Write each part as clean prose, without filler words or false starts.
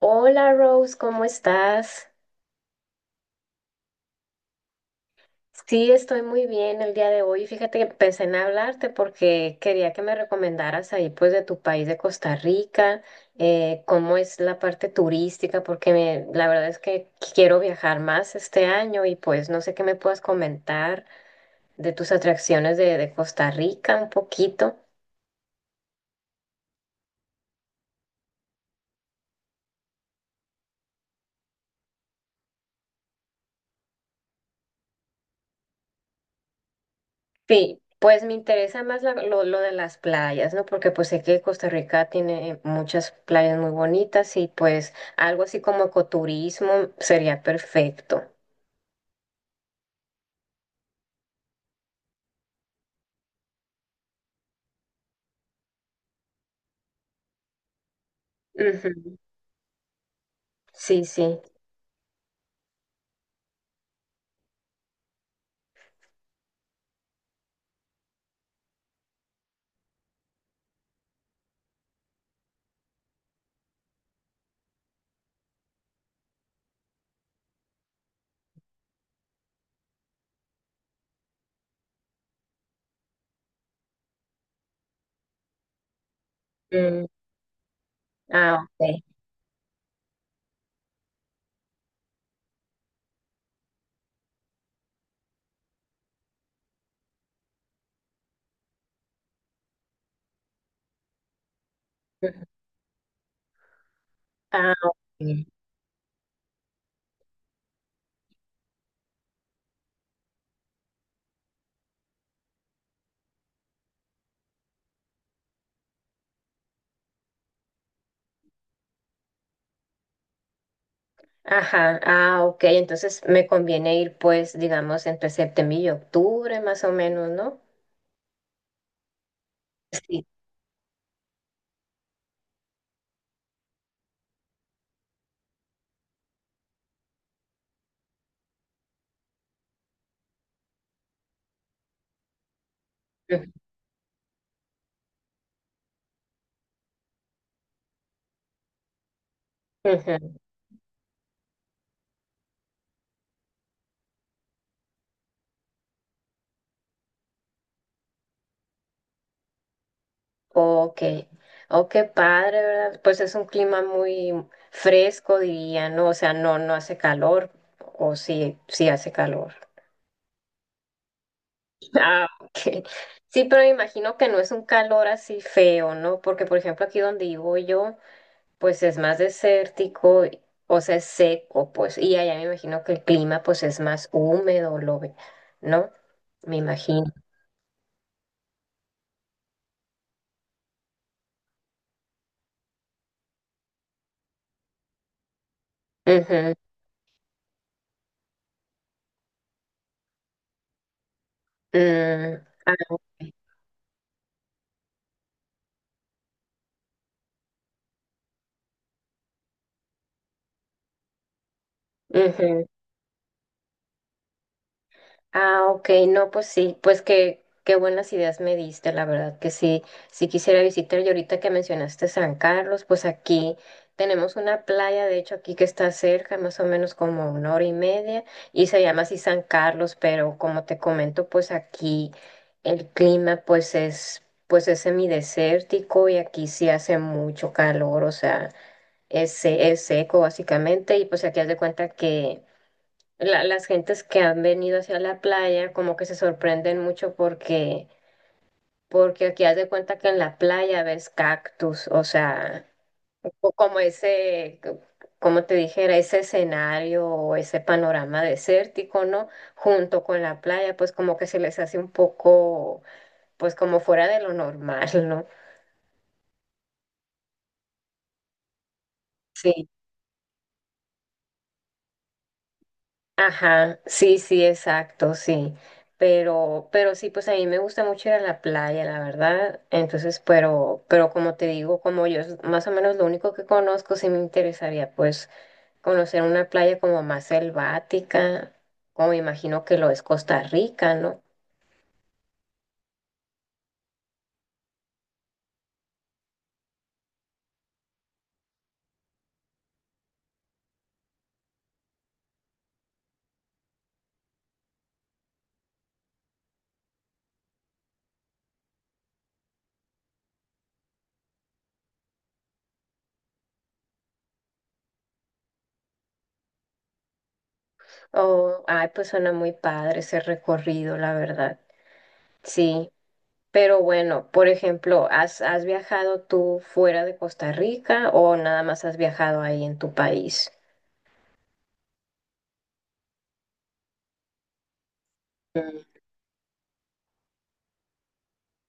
Hola Rose, ¿cómo estás? Sí, estoy muy bien el día de hoy. Fíjate que empecé en hablarte porque quería que me recomendaras ahí pues de tu país de Costa Rica, cómo es la parte turística, porque la verdad es que quiero viajar más este año y pues no sé qué me puedas comentar de tus atracciones de Costa Rica un poquito. Sí, pues me interesa más lo de las playas, ¿no? Porque pues sé que Costa Rica tiene muchas playas muy bonitas y pues algo así como ecoturismo sería perfecto. Ujú. Sí, sí. Mm, Ah, ok. Ujú. Ah, ok. Ajá, ah, ok. Entonces me conviene ir pues, digamos, entre septiembre y octubre más o menos, ¿no? Sí. Ujú. Ujú. Ok, oh, qué padre, ¿verdad? Pues es un clima muy fresco, diría, ¿no? O sea, no, no hace calor, o sí, sí hace calor. Ah, ok. Sí, pero me imagino que no es un calor así feo, ¿no? Porque, por ejemplo, aquí donde vivo yo, pues es más desértico, o sea, es seco, pues, y allá me imagino que el clima, pues, es más húmedo, lo ve, ¿no? Me imagino. Ujú. Mm, ah, ok. Ujú. Ah, ok, no, pues sí, pues qué, qué buenas ideas me diste, la verdad que sí, sí quisiera visitar. Y ahorita que mencionaste San Carlos, pues aquí tenemos una playa, de hecho aquí que está cerca, más o menos como una hora y media, y se llama así San Carlos, pero como te comento, pues aquí el clima pues es semidesértico y aquí sí hace mucho calor, o sea, es, es seco básicamente, y pues aquí haz de cuenta que las gentes que han venido hacia la playa como que se sorprenden mucho porque, porque aquí haz de cuenta que en la playa ves cactus, o sea, o como ese, como te dijera, ese escenario o ese panorama desértico, ¿no? Junto con la playa, pues como que se les hace un poco, pues como fuera de lo normal, ¿no? Sí. Ajá, sí, sí, exacto, sí. Pero sí, pues a mí me gusta mucho ir a la playa, la verdad. Entonces, pero como te digo, como yo es más o menos lo único que conozco, sí me interesaría pues conocer una playa como más selvática, como me imagino que lo es Costa Rica, ¿no? O, ay, pues suena muy padre ese recorrido, la verdad. Sí. Pero bueno, por ejemplo, ¿has, has viajado tú fuera de Costa Rica o nada más has viajado ahí en tu país? Mm,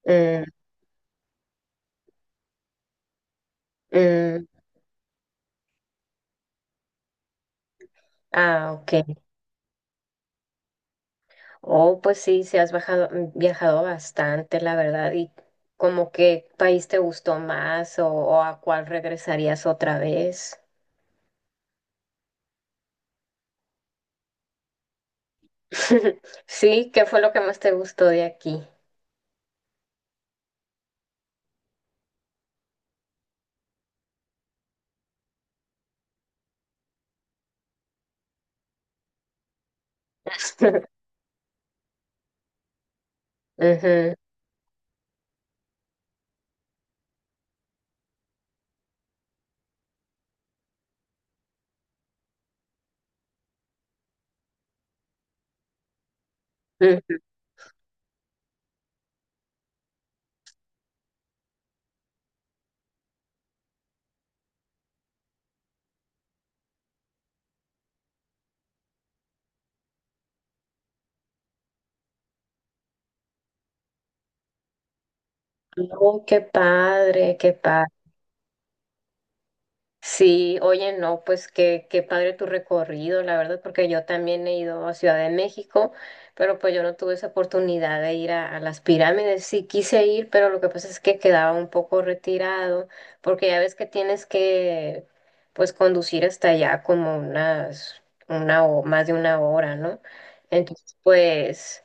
mm, mm. Ah, ok. Oh, pues sí, mm, viajado bastante, la verdad. ¿Y como qué país te gustó más o a cuál regresarías otra vez? Sí, ¿qué fue lo que más te gustó de aquí? Ujú, ujú. Oh, qué padre, qué padre. Sí, oye, no, pues qué, qué padre tu recorrido, la verdad, porque yo también he ido a Ciudad de México, pero pues yo no tuve esa oportunidad de ir a las pirámides. Sí quise ir, pero lo que pasa es que quedaba un poco retirado, porque ya ves que tienes que, pues, conducir hasta allá como unas, una o más de una hora, ¿no? Entonces, pues...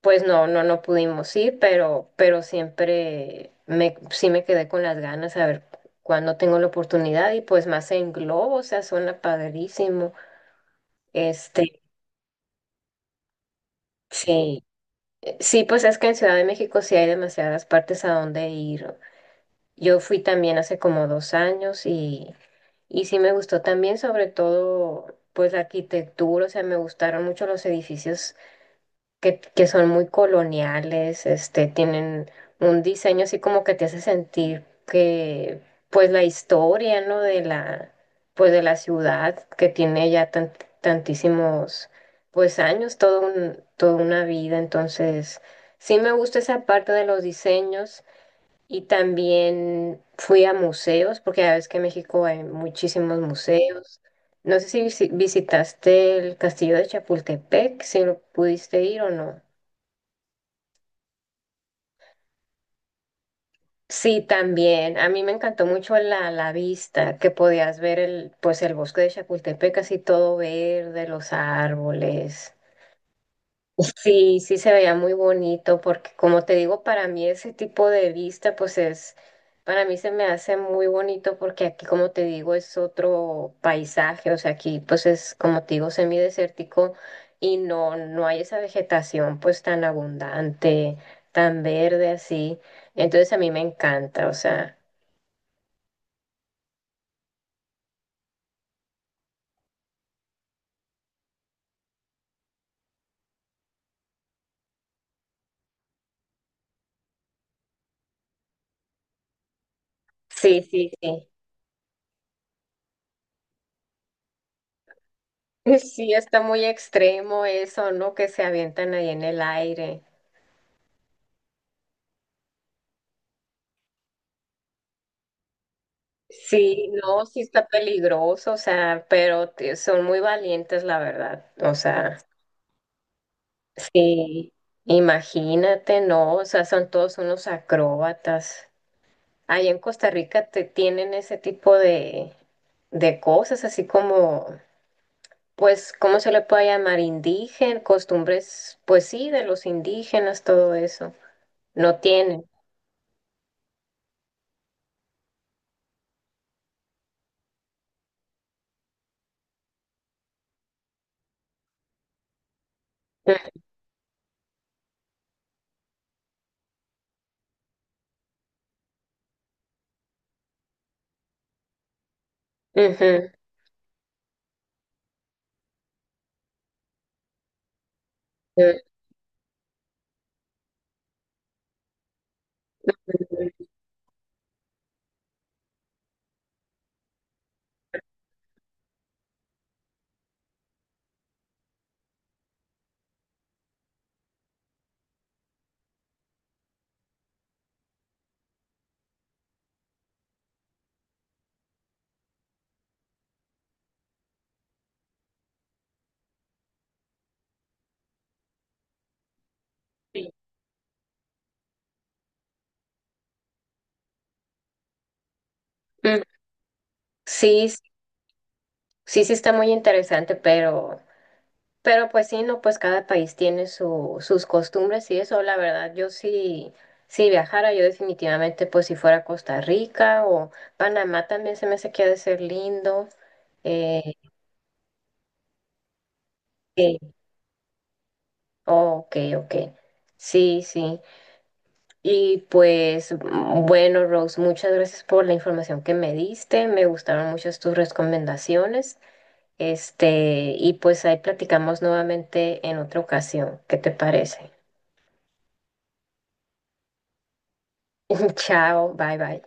Pues no, no, no pudimos ir, pero siempre me, sí me quedé con las ganas a ver cuándo tengo la oportunidad y pues más en globo, o sea, suena padrísimo. Este, sí, sí, pues es que en Ciudad de México sí hay demasiadas partes a donde ir. Yo fui también hace como dos años y sí me gustó también, sobre todo, pues la arquitectura, o sea, me gustaron mucho los edificios que son muy coloniales, este, tienen un diseño así como que te hace sentir que, pues, la historia, ¿no? De la, pues, de la ciudad que tiene ya tantísimos, pues, años, todo un, toda una vida. Entonces, sí me gusta esa parte de los diseños y también fui a museos, porque ya ves que en México hay muchísimos museos. No sé si visitaste el castillo de Chapultepec, si lo pudiste ir o no. Sí, también. A mí me encantó mucho la, la vista, que podías ver el, pues el bosque de Chapultepec, así todo verde, los árboles. Sí, sí se veía muy bonito, porque como te digo, para mí ese tipo de vista, pues es, para mí se me hace muy bonito, porque aquí, como te digo, es otro paisaje, o sea, aquí, pues es, como te digo, semidesértico y no, no hay esa vegetación, pues tan abundante, tan verde así. Entonces a mí me encanta, o sea. Sí, sí, sí. Sí, está muy extremo eso, ¿no? Que se avientan ahí en el aire. Sí, no, sí está peligroso, o sea, pero son muy valientes, la verdad. O sea, sí, imagínate, ¿no? O sea, son todos unos acróbatas. Allá en Costa Rica te tienen ese tipo de cosas, así como, pues, ¿cómo se le puede llamar? Indígena, costumbres, pues sí, de los indígenas, todo eso. No tienen. Ujú, ujú. Mm, sí, sí, sí sí está muy interesante, pero pues sí, no, pues cada país tiene su, sus costumbres y eso, la verdad, yo sí, si viajara, yo definitivamente, pues si fuera a Costa Rica o Panamá también se me hace que ha de ser lindo. Eh, sí, oh, ok, ok. Sí, sí. Y pues mm, bueno, Rose, muchas gracias por la información que me diste, me gustaron muchas tus recomendaciones. Este, y pues ahí platicamos nuevamente en otra ocasión. ¿Qué te parece? Chao, bye bye.